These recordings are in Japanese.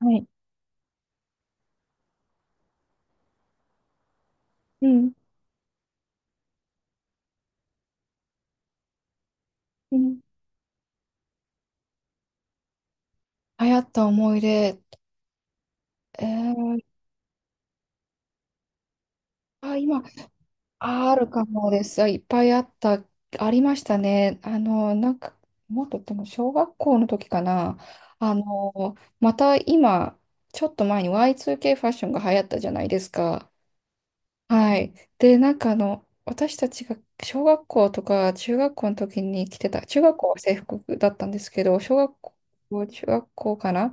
はい。うん。うん。流行った思い出、えー、あ、今、あるかもです。あいっぱいあった、ありましたね。なんか、もっとでも小学校の時かな。また今、ちょっと前に Y2K ファッションが流行ったじゃないですか。はい。で、なんか私たちが小学校とか中学校の時に着てた、中学校は制服だったんですけど、小学校、中学校かな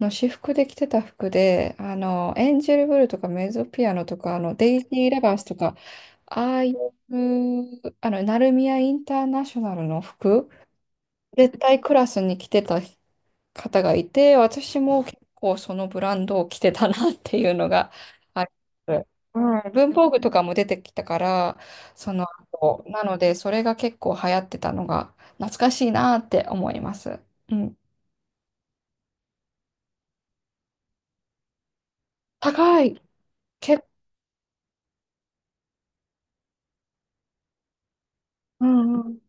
の私服で着てた服で、エンジェルブルーとかメゾピアノとか、デイジーラバースとか、ああいう、ナルミヤインターナショナルの服、絶対クラスに着てた方がいて、私も結構そのブランドを着てたなっていうのがあります。うん、文房具とかも出てきたから、その後、なので、それが結構流行ってたのが懐かしいなって思います。うん。高い。結構、うんうん。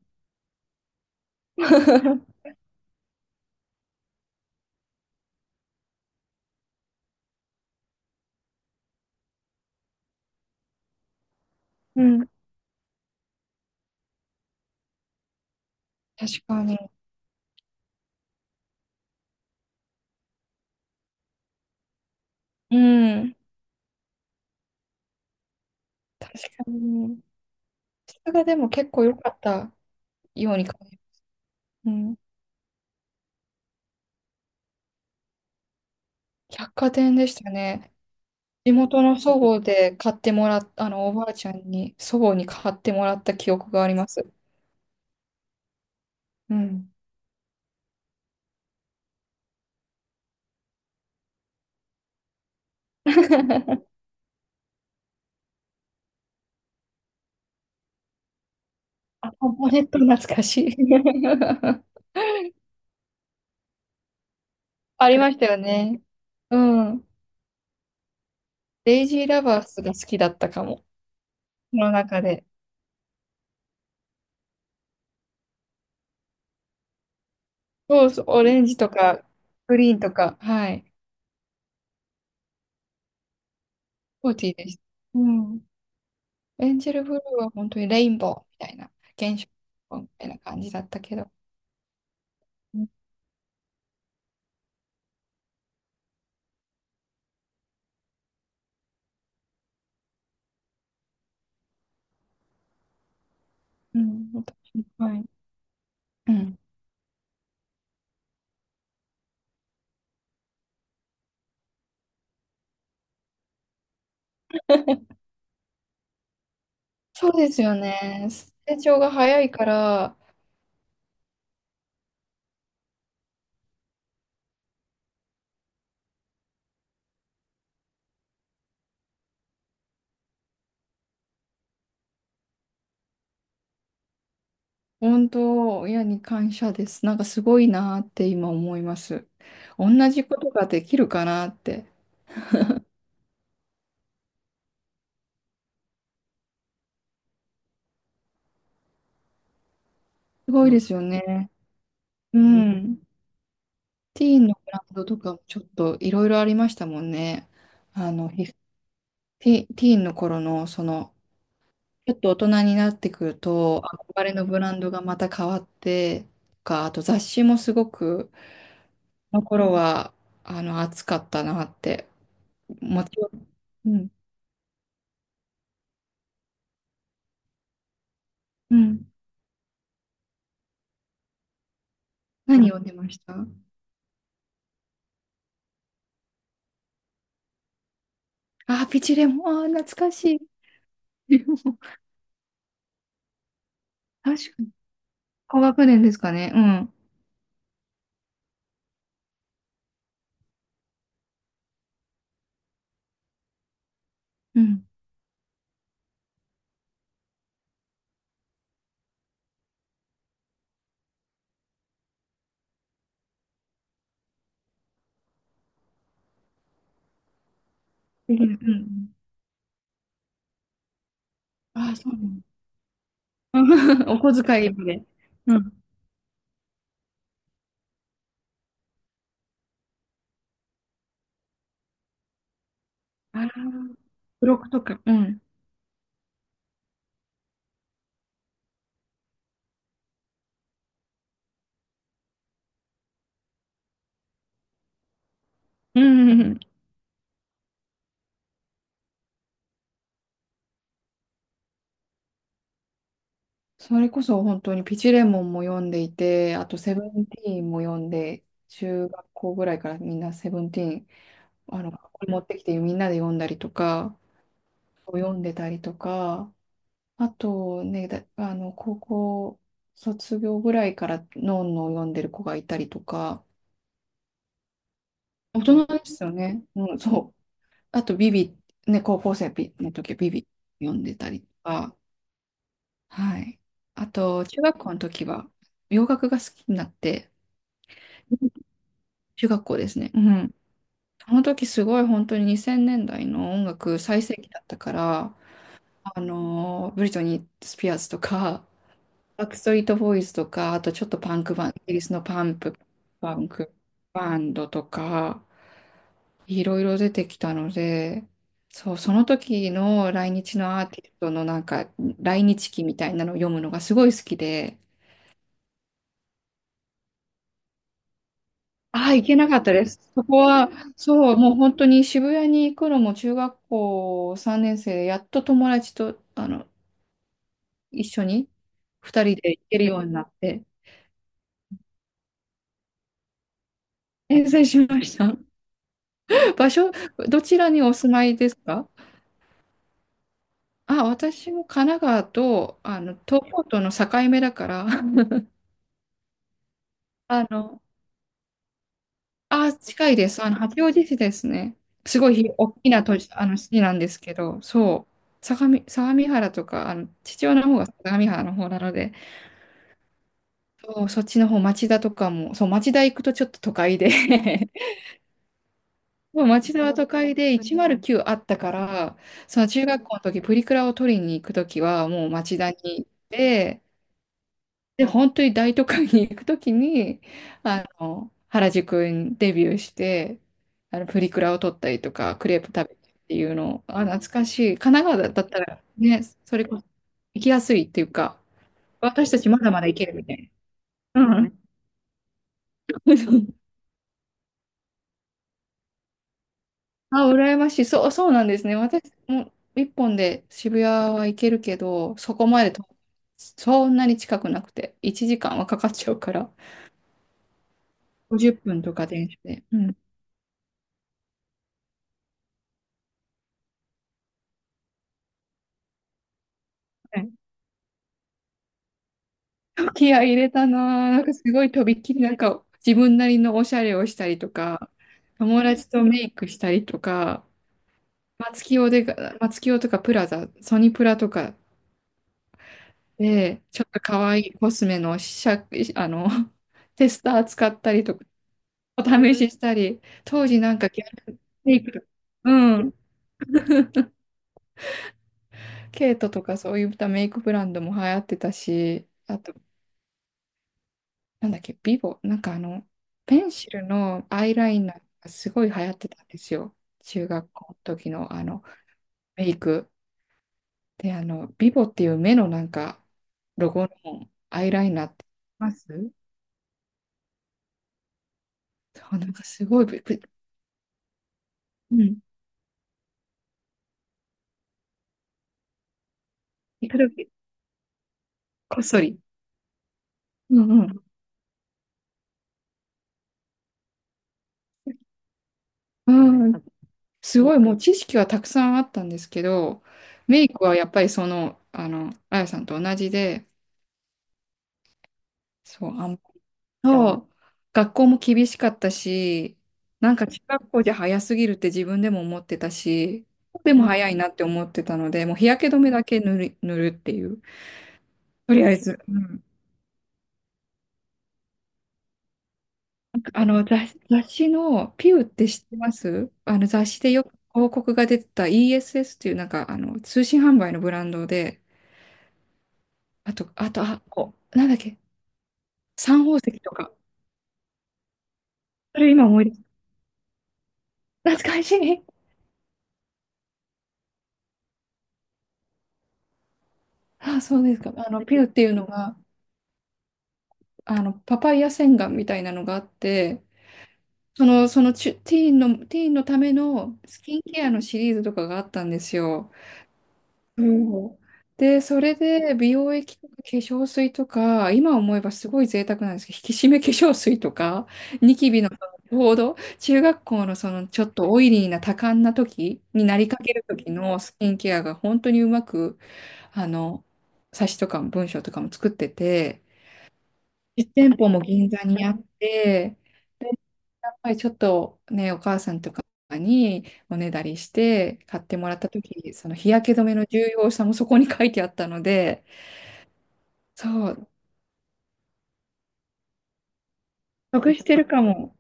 うん。確かに。うん。確かに。質がでも結構良かったように感じる。うん。百貨店でしたね。地元の祖母で買ってもらっあの、おばあちゃんに、祖母に買ってもらった記憶があります。うん。あ、ポンポネット懐かしい。ありましたよね。うん。デイジーラバースが好きだったかも。この中で。そうそう、オレンジとか、グリーンとか、はい。ポーティーでした。うん。エンジェルブルーは本当にレインボーみたいな、現象みたいな感じだったけど。うん。うん、私はい。うん、そうですよね。成長が早いから、本当、親に感謝です。なんかすごいなって今思います。同じことができるかなって。すごいですよね。うんん。ティーンのブランドとかもちょっといろいろありましたもんね。ひティ、ティーンの頃の、ちょっと大人になってくると、憧れのブランドがまた変わって、とか、あと雑誌もすごく、この頃は、熱かったなって。もちろん。うん。うん。何読んでました？あ、ピチレモン。あー、懐かしい。確かに。高学年ですかね。うん。うん。ピチレモン。うん。あー、そうなの。お小遣いまで。うん。ああ、ブロックとか。うん。うんうんうん。それこそ本当にピチレモンも読んでいて、あとセブンティーンも読んで、中学校ぐらいからみんなセブンティーン、ここに持ってきてみんなで読んだりとか、読んでたりとか、あとね、だ、あの、高校卒業ぐらいからノンノを読んでる子がいたりとか、大人ですよね。うん、そう。あと、ビビ、ね、高校生の時はビビ読んでたりとか、はい。あと、中学校の時は洋楽が好きになって、中学校ですね。うん。あの時すごい本当に2000年代の音楽最盛期だったから、ブリトニー・スピアーズとか、バックストリートボーイズとか、あとちょっとパンクバン、イギリスのパンクバンドとか、いろいろ出てきたので、そう、その時の来日のアーティストのなんか、来日記みたいなのを読むのがすごい好きで、ああ、行けなかったです。そこは、そう、もう本当に渋谷に行くのも中学校3年生で、やっと友達と、一緒に2人で行けるようになって、遠征しました。場所、どちらにお住まいですか？あ、私も神奈川と、東京都の境目だから、あの、あ、近いです。八王子市ですね。すごいひ大きな都市、市なんですけど、そう。相模原とか、父親の方が相模原の方なので、そう、そっちの方、町田とかも、そう、町田行くとちょっと都会で もう町田は都会で109あったから、その中学校の時、プリクラを取りに行く時は、もう町田に行って、で、本当に大都会に行くときに、原宿にデビューして、プリクラを撮ったりとか、クレープ食べてっていうのを、あ、懐かしい。神奈川だったらね、それこそ行きやすいっていうか、私たちまだまだ行けるみたいな。うん。あ、羨ましい。そう、そうなんですね。私も一本で渋谷は行けるけど、そこまでと、そんなに近くなくて、1時間はかかっちゃうから、50分とか電車で。うん。気合い入れたなぁ。なんかすごいとびっきりなんか自分なりのおしゃれをしたりとか、友達とメイクしたりとか、松清で、松清とかプラザ、ソニプラとかで、ちょっと可愛いコスメの試写、あの、テスター使ったりとか、お試ししたり、当時なんかギャルメイクとか、うん、ケイトとかそういったメイクブランドも流行ってたし、あとなんだっけ、ビボ、なんかペンシルのアイライナーがすごい流行ってたんですよ。中学校の時のあの、メイク。で、あの、ビボっていう目のなんか、ロゴのアイライナーってあります？そう、なんかすごい、ぶぶうん、時々こっそり。うんうん。うん、すごいもう知識はたくさんあったんですけど、メイクはやっぱりあやさんと同じで、そう、あんそう、学校も厳しかったし、なんか中学校じゃ早すぎるって自分でも思ってたし、でも早いなって思ってたので、もう日焼け止めだけ塗るっていう。とりあえず、あの雑誌のピューって知ってます？あの雑誌でよく広告が出てた ESS っていうなんかあの通信販売のブランドで、あと、あ、こう、なんだっけ、サン宝石とか。それ今思い出す。懐かしい。あ、そうですか。あの、ピューっていうのが、あの、パパイヤ洗顔みたいなのがあって、その、そのチュ、ティーンの、ティーンのためのスキンケアのシリーズとかがあったんですよ。そうで、それで美容液とか化粧水とか、今思えばすごい贅沢なんですけど、引き締め化粧水とか、ニキビのちょうど中学校のそのちょっとオイリーな多感な時になりかける時のスキンケアが本当にうまく、あの、冊子とかも文章とかも作ってて、実店舗も銀座にあって、やっぱりちょっとね、お母さんとかにおねだりして買ってもらった時、その日焼け止めの重要さもそこに書いてあったので、そう、得してるかも。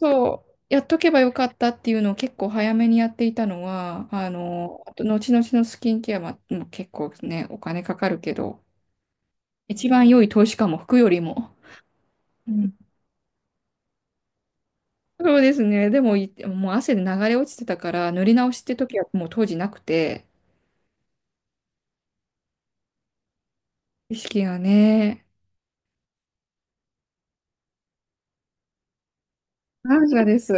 そう、やっとけばよかったっていうのを結構早めにやっていたのは、あと後々のスキンケアももう結構ね、お金かかるけど、一番良い投資かも、服よりも。うん、そうですね。でも、いもう汗で流れ落ちてたから、塗り直しって時はもう当時なくて、意識がね。感謝です。